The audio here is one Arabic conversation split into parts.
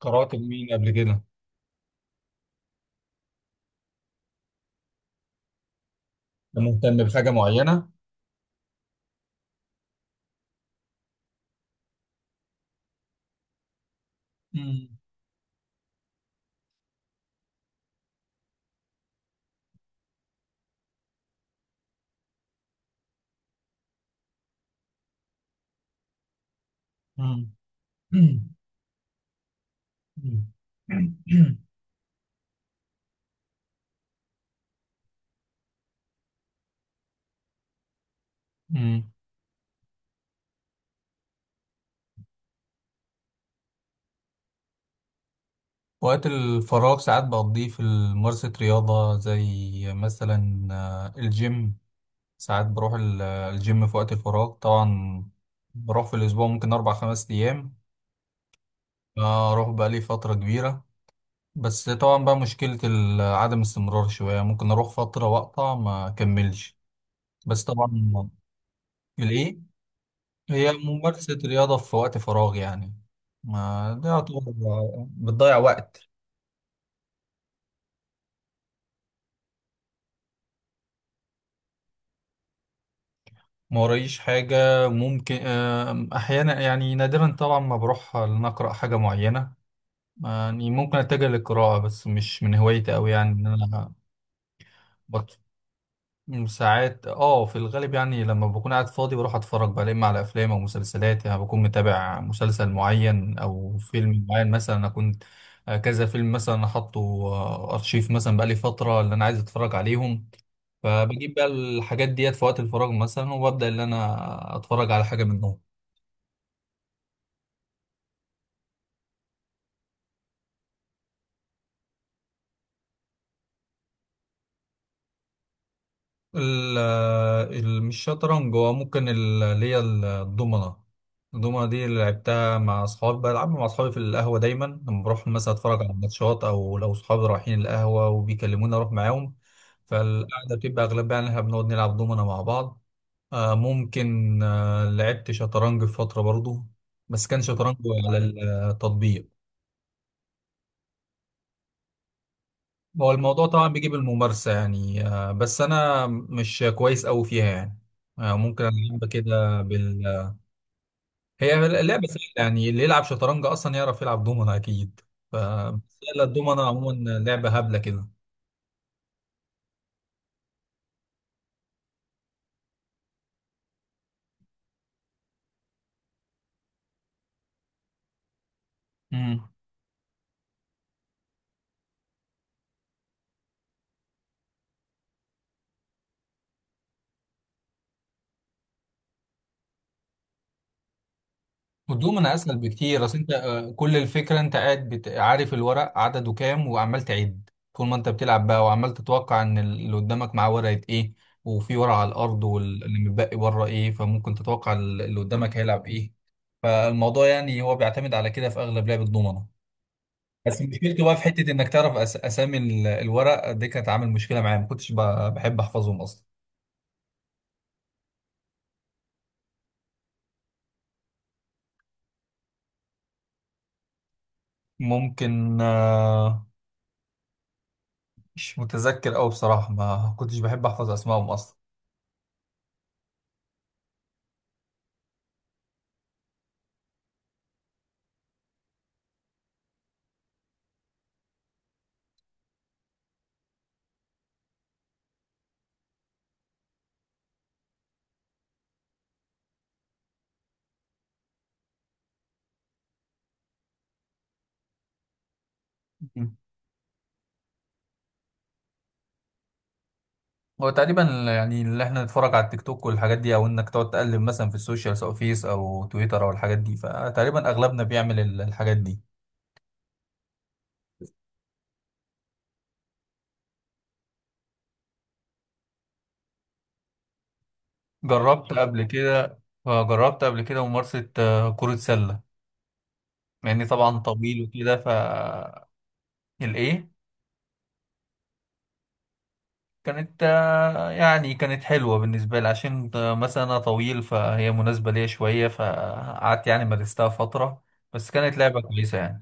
قرأت لمين قبل كده؟ ده مهتم بحاجة معينة؟ مم. مم. مم. مم. مم. وقت الفراغ ساعات بقضيه في ممارسة رياضة زي مثلا الجيم. ساعات بروح الجيم في وقت الفراغ طبعا. بروح في الأسبوع ممكن أربع خمس أيام. أروح بقالي فترة كبيرة، بس طبعا بقى مشكلة عدم استمرار شوية، ممكن أروح فترة وأقطع ما أكملش، بس طبعا. الإيه؟ هي ممارسة رياضة في وقت فراغ يعني، ما ده يعتبر بتضيع وقت. ما ورايش حاجة، ممكن أحيانا يعني نادرا طبعا ما بروح إن أقرأ حاجة معينة. يعني ممكن أتجه للقراءة، بس مش من هوايتي أوي يعني إن أنا. ساعات في الغالب يعني لما بكون قاعد فاضي بروح اتفرج بقى اما على افلام او مسلسلات، يعني بكون متابع مسلسل معين او فيلم معين. مثلا انا كنت كذا فيلم. مثلا انا حاطه ارشيف مثلا بقالي فترة اللي انا عايز اتفرج عليهم، فبجيب بقى الحاجات ديت في وقت الفراغ مثلا وببدأ ان انا اتفرج على حاجة منهم. ال مش شطرنج، هو ممكن اللي هي الضمنة. الضمنة دي اللي لعبتها مع أصحابي، بلعبها مع أصحابي في القهوة دايما لما بروح مثلا أتفرج على ماتشات، أو لو أصحابي رايحين القهوة وبيكلموني أروح معاهم. فالقعدة بتبقى أغلبها إن إحنا بنقعد نلعب ضمنة مع بعض. ممكن لعبت شطرنج في فترة برضو، بس كان شطرنج على التطبيق. هو الموضوع طبعا بيجي بالممارسة يعني، بس أنا مش كويس أوي فيها يعني. ممكن ألعب كده هي لعبة سهلة يعني، اللي يلعب شطرنج أصلا يعرف يلعب دومنا أكيد. بس لا، الدومنا عموما لعبة هبلة كده. مم. والدوم انا اسهل بكتير، اصل انت كل الفكره انت قاعد عارف الورق عدده كام وعمال تعد طول ما انت بتلعب بقى، وعمال تتوقع ان اللي قدامك معاه ورقه ايه، وفي ورقه على الارض واللي متبقي بره ايه، فممكن تتوقع اللي قدامك هيلعب ايه. فالموضوع يعني هو بيعتمد على كده في اغلب لعب الدومنه. بس مشكلته بقى في حته انك تعرف اسامي الورق دي، كانت عامل مشكله معايا ما كنتش بحب احفظهم اصلا. ممكن مش متذكر قوي بصراحه، ما كنتش بحب احفظ اسمائهم اصلا. هو تقريبا يعني اللي احنا نتفرج على التيك توك والحاجات دي، او انك تقعد تقلب مثلا في السوشيال سواء فيس او تويتر او الحاجات دي، فتقريبا اغلبنا بيعمل الحاجات دي. جربت قبل كده. جربت قبل كده ممارسة كرة سلة، مع اني طبعا طويل وكده الايه؟ كانت يعني كانت حلوة بالنسبة لي، عشان مثلا انا طويل فهي مناسبة ليا شوية، فقعدت يعني مارستها فترة، بس كانت لعبة كويسة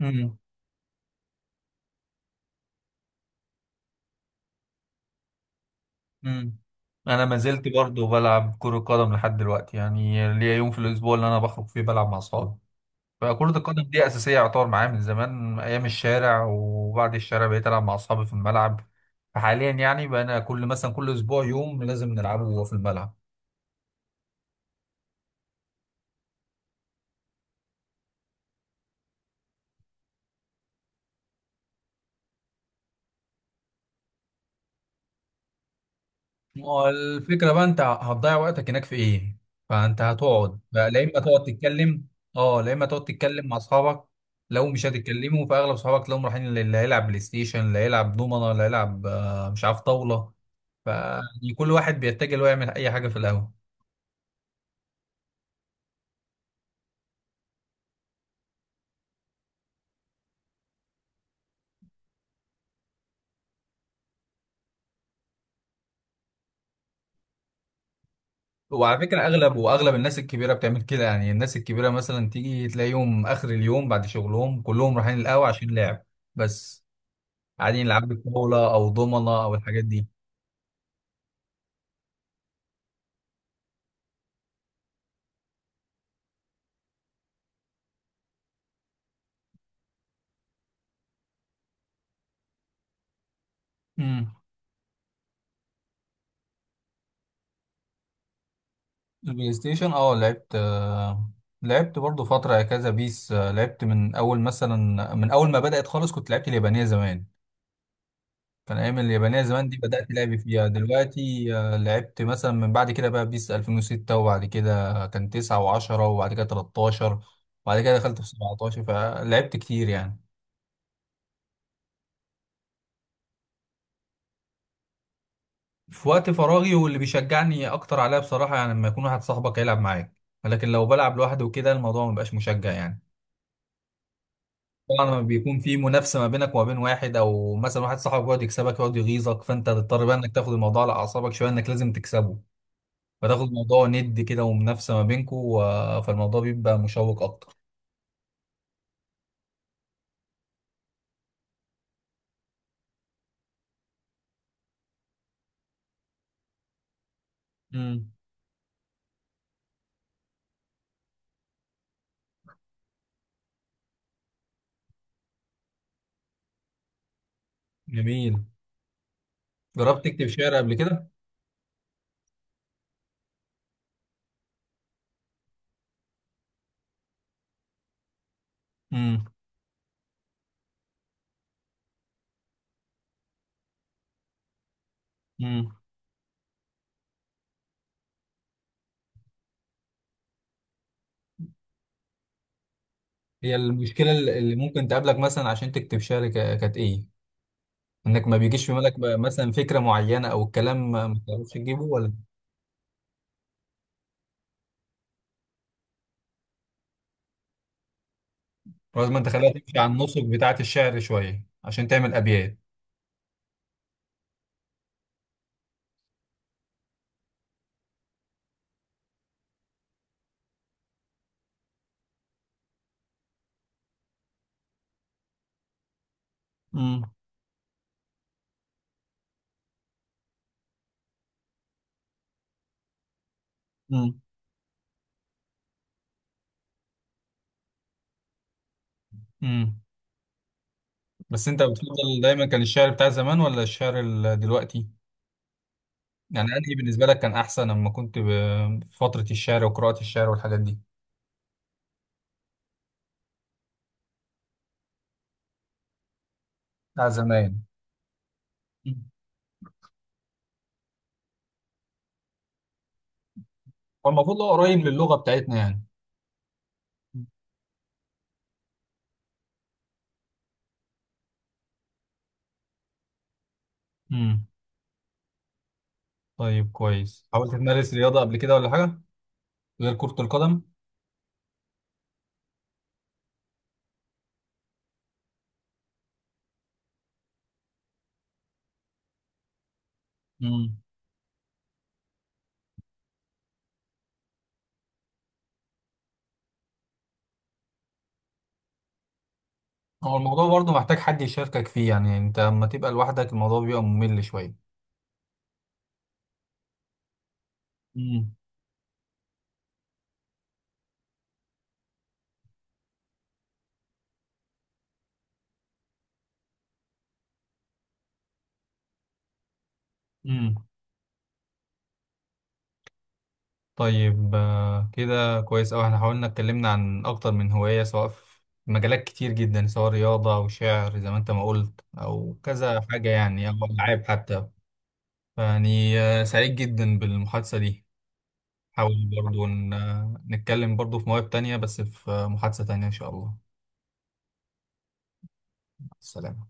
يعني. مم. انا ما زلت برضه بلعب كرة قدم لحد دلوقتي، يعني ليا يوم في الاسبوع اللي انا بخرج فيه بلعب مع اصحابي. فكرة القدم دي اساسية يعتبر معايا من زمان، ايام الشارع وبعد الشارع بقيت العب مع اصحابي في الملعب. فحاليا يعني بقينا كل مثلا كل اسبوع يوم لازم نلعبه في الملعب. ما هو الفكرة بقى انت هتضيع وقتك هناك في ايه، فانت هتقعد بقى لا اما تقعد تتكلم. اه، لا اما تقعد تتكلم مع اصحابك، لو مش هتتكلموا فاغلب اصحابك تلاقيهم رايحين، اللي هيلعب بلاي ستيشن، اللي هيلعب دومنه، اللي هيلعب مش عارف طاولة. فيعني كل واحد بيتجه له يعمل اي حاجة في القهوة. وعلى فكرة اغلب واغلب الناس الكبيرة بتعمل كده، يعني الناس الكبيرة مثلا تيجي تلاقيهم اخر اليوم بعد شغلهم كلهم رايحين القهوة عشان لعب، بس قاعدين يلعبوا طاولة او دومنة او الحاجات دي. مم. البلاي ستيشن، لعبت لعبت برضو فترة كذا بيس. لعبت من أول مثلا، من أول ما بدأت خالص كنت لعبت اليابانية زمان، كان أيام اليابانية زمان دي بدأت لعبي فيها دلوقتي. لعبت مثلا من بعد كده بقى بيس 2006، وبعد كده كان 9 و10، وبعد كده 13، وبعد كده دخلت في 17 فلعبت كتير يعني. في وقت فراغي، واللي بيشجعني أكتر عليها بصراحة يعني لما يكون واحد صاحبك هيلعب معاك، لكن لو بلعب لوحدي وكده الموضوع مبقاش مشجع يعني. طبعا لما بيكون في منافسه ما بينك وما بين واحد، او مثلا واحد صاحبك يقعد يكسبك يقعد يغيظك، فانت تضطر بقى انك تاخد الموضوع على اعصابك شويه، انك لازم تكسبه، فتاخد الموضوع ند كده ومنافسه ما بينكم، فالموضوع بيبقى مشوق اكتر. امم. جميل. جربت تكتب شعر قبل كده؟ امم. امم. هي المشكله اللي ممكن تقابلك مثلا عشان تكتب شعر، كانت ايه؟ انك ما بيجيش في بالك بقى مثلا فكره معينه، او الكلام ما تعرفش تجيبه ولا؟ لازم انت خليها تمشي على النسق بتاعه الشعر شويه عشان تعمل ابيات. امم. امم. بس انت بتفضل دايما كان الشعر بتاع زمان ولا الشعر دلوقتي؟ يعني انهي بالنسبه لك كان احسن لما كنت في فتره الشعر وقراءه الشعر والحاجات دي، بتاع زمان؟ مم. هو المفروض هو قريب للغه بتاعتنا يعني. امم. طيب كويس، حاولت تمارس رياضه قبل كده ولا حاجه غير كره القدم؟ امم. هو الموضوع برضه محتاج حد يشاركك فيه، يعني انت لما تبقى لوحدك الموضوع بيبقى ممل شويه. امم. طيب، كده كويس أوي، احنا حاولنا اتكلمنا عن أكتر من هواية سواء في مجالات كتير جدا، سواء رياضة أو شعر زي ما أنت ما قلت، أو كذا حاجة يعني، أو ألعاب حتى. يعني سعيد جدا بالمحادثة دي. حاول برضو نتكلم برضو في مواهب تانية، بس في محادثة تانية إن شاء الله. السلام.